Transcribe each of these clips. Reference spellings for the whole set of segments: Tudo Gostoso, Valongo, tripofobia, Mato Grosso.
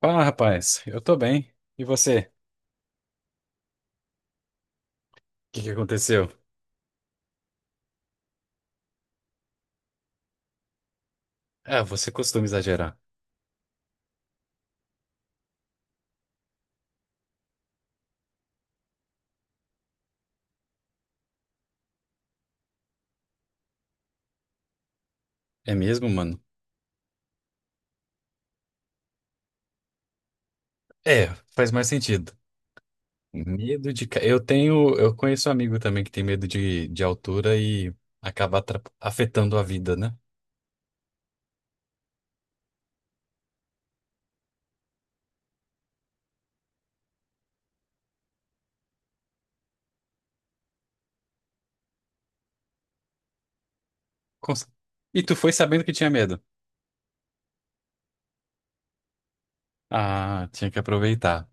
Ah, rapaz, eu tô bem. E você? O que que aconteceu? Ah, você costuma exagerar. É mesmo, mano? É, faz mais sentido. Eu tenho. Eu conheço um amigo também que tem medo de altura e acaba afetando a vida, né? Cons- E tu foi sabendo que tinha medo? Ah, tinha que aproveitar.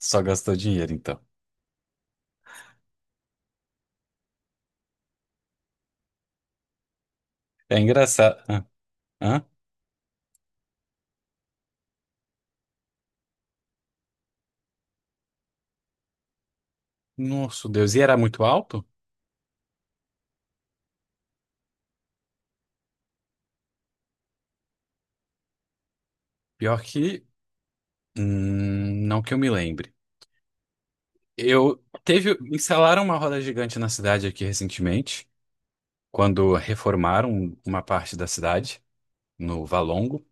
Só gastou dinheiro, então. É engraçado. Hã? Hã? Nossa, Deus. E era muito alto? Pior que. Não que eu me lembre. Eu teve, instalaram uma roda gigante na cidade aqui recentemente, quando reformaram uma parte da cidade, no Valongo.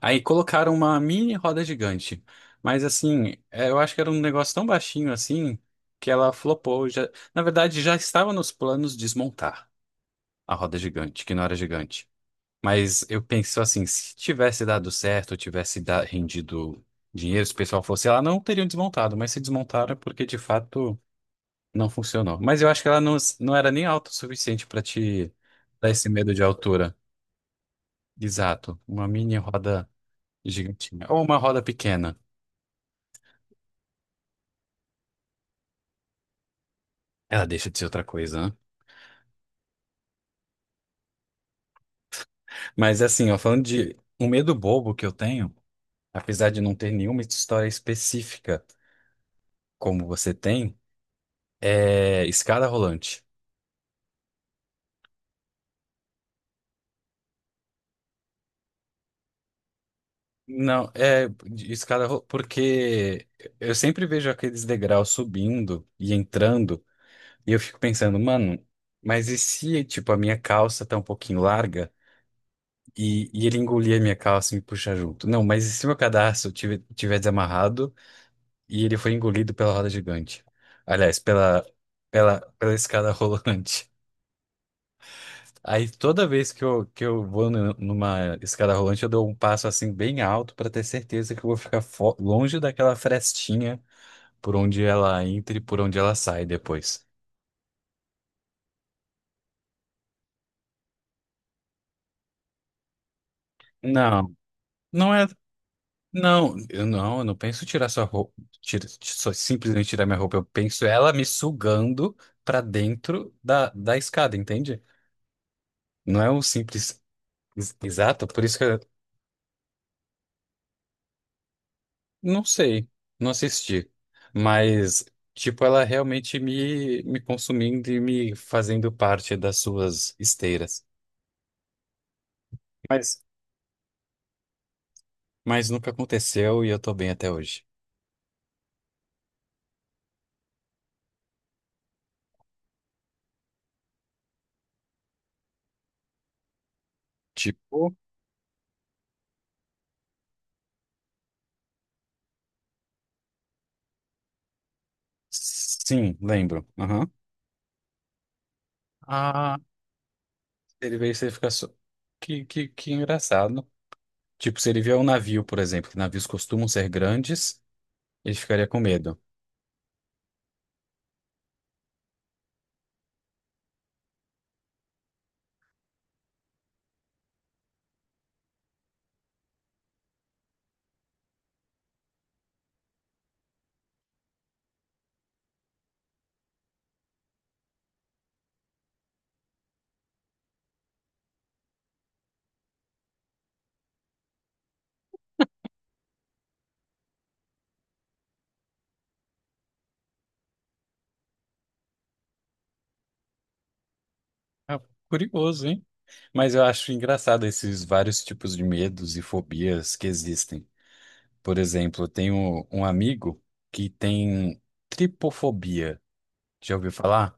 Aí colocaram uma mini roda gigante. Mas assim, é, eu acho que era um negócio tão baixinho assim que ela flopou. Já, na verdade, já estava nos planos desmontar a roda gigante, que não era gigante. Mas eu penso assim, se tivesse dado certo, rendido dinheiro, se o pessoal fosse lá, não teriam desmontado, mas se desmontaram é porque de fato não funcionou. Mas eu acho que ela não era nem alta o suficiente pra te dar esse medo de altura. Exato. Uma mini roda gigantinha. Ou uma roda pequena. Ela deixa de ser outra coisa, né? Mas assim, ó, falando de um medo bobo que eu tenho, apesar de não ter nenhuma história específica como você tem, é escada rolante. Não, é de porque eu sempre vejo aqueles degraus subindo e entrando. E eu fico pensando, mano, mas e se, tipo, a minha calça tá um pouquinho larga e, ele engolir a minha calça e me puxar junto? Não, mas e se meu cadarço tiver desamarrado e ele foi engolido pela roda gigante? Aliás, pela escada rolante. Aí toda vez que eu vou numa escada rolante, eu dou um passo assim bem alto pra ter certeza que eu vou ficar longe daquela frestinha por onde ela entra e por onde ela sai depois. Não, não é. Não, eu não penso tirar sua roupa, só simplesmente tirar minha roupa. Eu penso ela me sugando pra dentro da escada, entende? Não é um simples exato, por isso que eu não sei, não assisti. Mas, tipo, ela realmente me consumindo e me fazendo parte das suas esteiras. Mas, nunca aconteceu e eu tô bem até hoje. Tipo, sim, lembro. Aham. Ele vê isso e fica só. Que engraçado. Tipo, se ele vier um navio, por exemplo, que navios costumam ser grandes, ele ficaria com medo. Ah, curioso, hein? Mas eu acho engraçado esses vários tipos de medos e fobias que existem. Por exemplo, eu tenho um amigo que tem tripofobia. Já ouviu falar?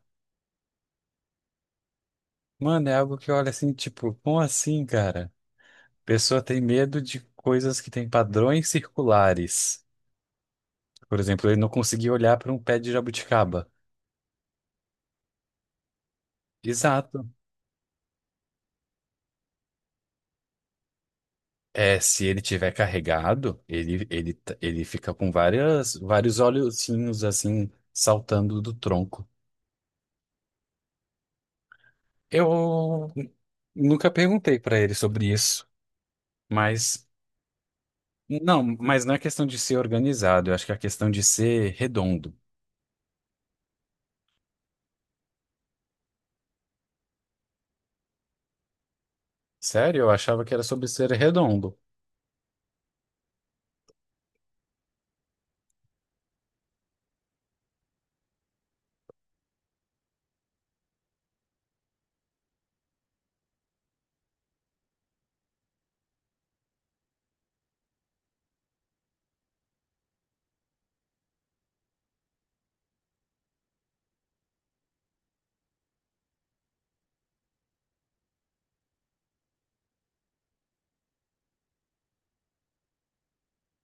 Mano, é algo que olha assim, tipo, como assim, cara? Pessoa tem medo de coisas que têm padrões circulares. Por exemplo, ele não conseguia olhar para um pé de jabuticaba. Exato. É, se ele tiver carregado, ele fica com vários olhozinhos assim saltando do tronco. Eu n- Nunca perguntei para ele sobre isso, mas não, mas não é questão de ser organizado, eu acho que é questão de ser redondo. Sério? Eu achava que era sobre ser redondo.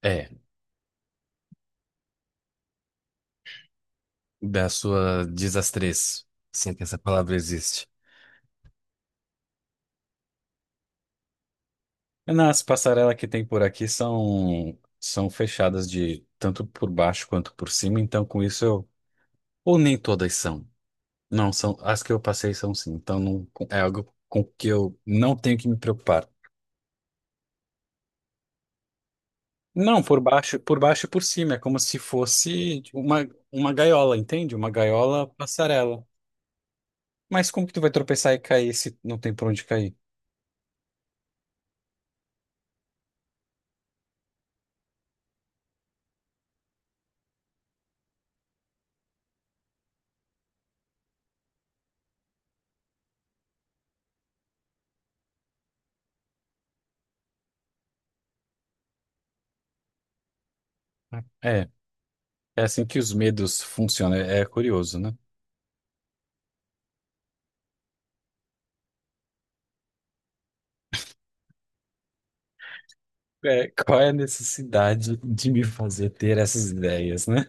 É, da sua desastrez, se é que essa palavra existe. Nas passarelas que tem por aqui são, são fechadas de tanto por baixo quanto por cima, então com isso eu. Ou nem todas são. Não, são. As que eu passei são sim. Então não, é algo com que eu não tenho que me preocupar. Não, por baixo e por cima. É como se fosse uma gaiola, entende? Uma gaiola passarela. Mas como que tu vai tropeçar e cair se não tem por onde cair? É, é assim que os medos funcionam. É, é curioso, né? É, qual é a necessidade de me fazer ter essas ideias, né?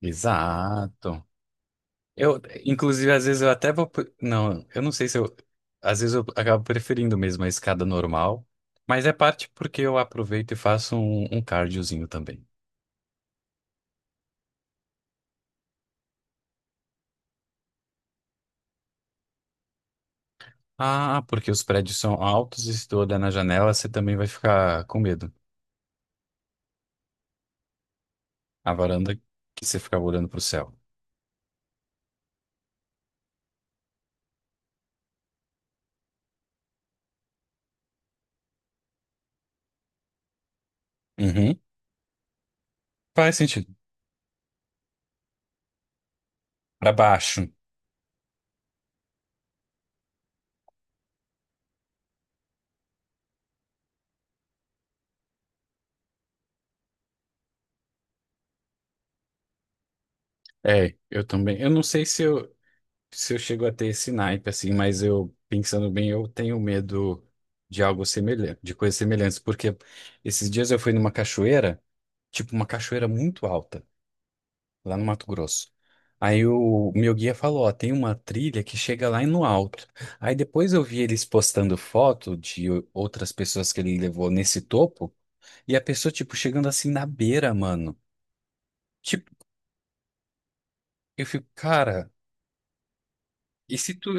Exato. Eu, inclusive, às vezes eu até Não, eu não sei se eu. Às vezes eu acabo preferindo mesmo a escada normal, mas é parte porque eu aproveito e faço um cardiozinho também. Ah, porque os prédios são altos e se tu olhar na janela, você também vai ficar com medo. A varanda que você ficar olhando pro céu. Uhum. Faz sentido. Pra baixo. É, eu também. Eu não sei se eu. Se eu chego a ter esse naipe, assim, mas eu, pensando bem, eu tenho medo de algo semelhante, de coisas semelhantes, porque esses dias eu fui numa cachoeira, tipo uma cachoeira muito alta, lá no Mato Grosso. Aí o meu guia falou, ó, tem uma trilha que chega lá no alto. Aí depois eu vi eles postando foto de outras pessoas que ele levou nesse topo, e a pessoa, tipo, chegando assim na beira, mano. Tipo, eu fico, cara, e se tu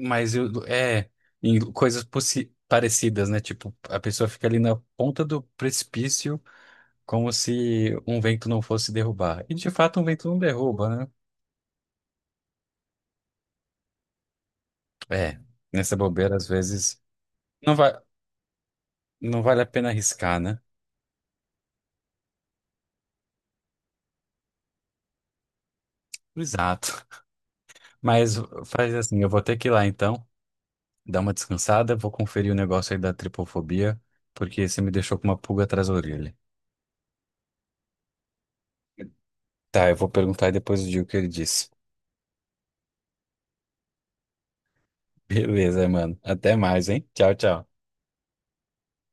Mas eu, é, em coisas parecidas, né? Tipo, a pessoa fica ali na ponta do precipício, como se um vento não fosse derrubar. E de fato, um vento não derruba, né? É, nessa bobeira, às vezes, não vai, não vale a pena arriscar, né? Exato. Mas faz assim, eu vou ter que ir lá então, dar uma descansada, vou conferir o negócio aí da tripofobia, porque você me deixou com uma pulga atrás da orelha. Tá, eu vou perguntar e depois eu digo o que ele disse. Beleza, mano. Até mais, hein? Tchau, tchau.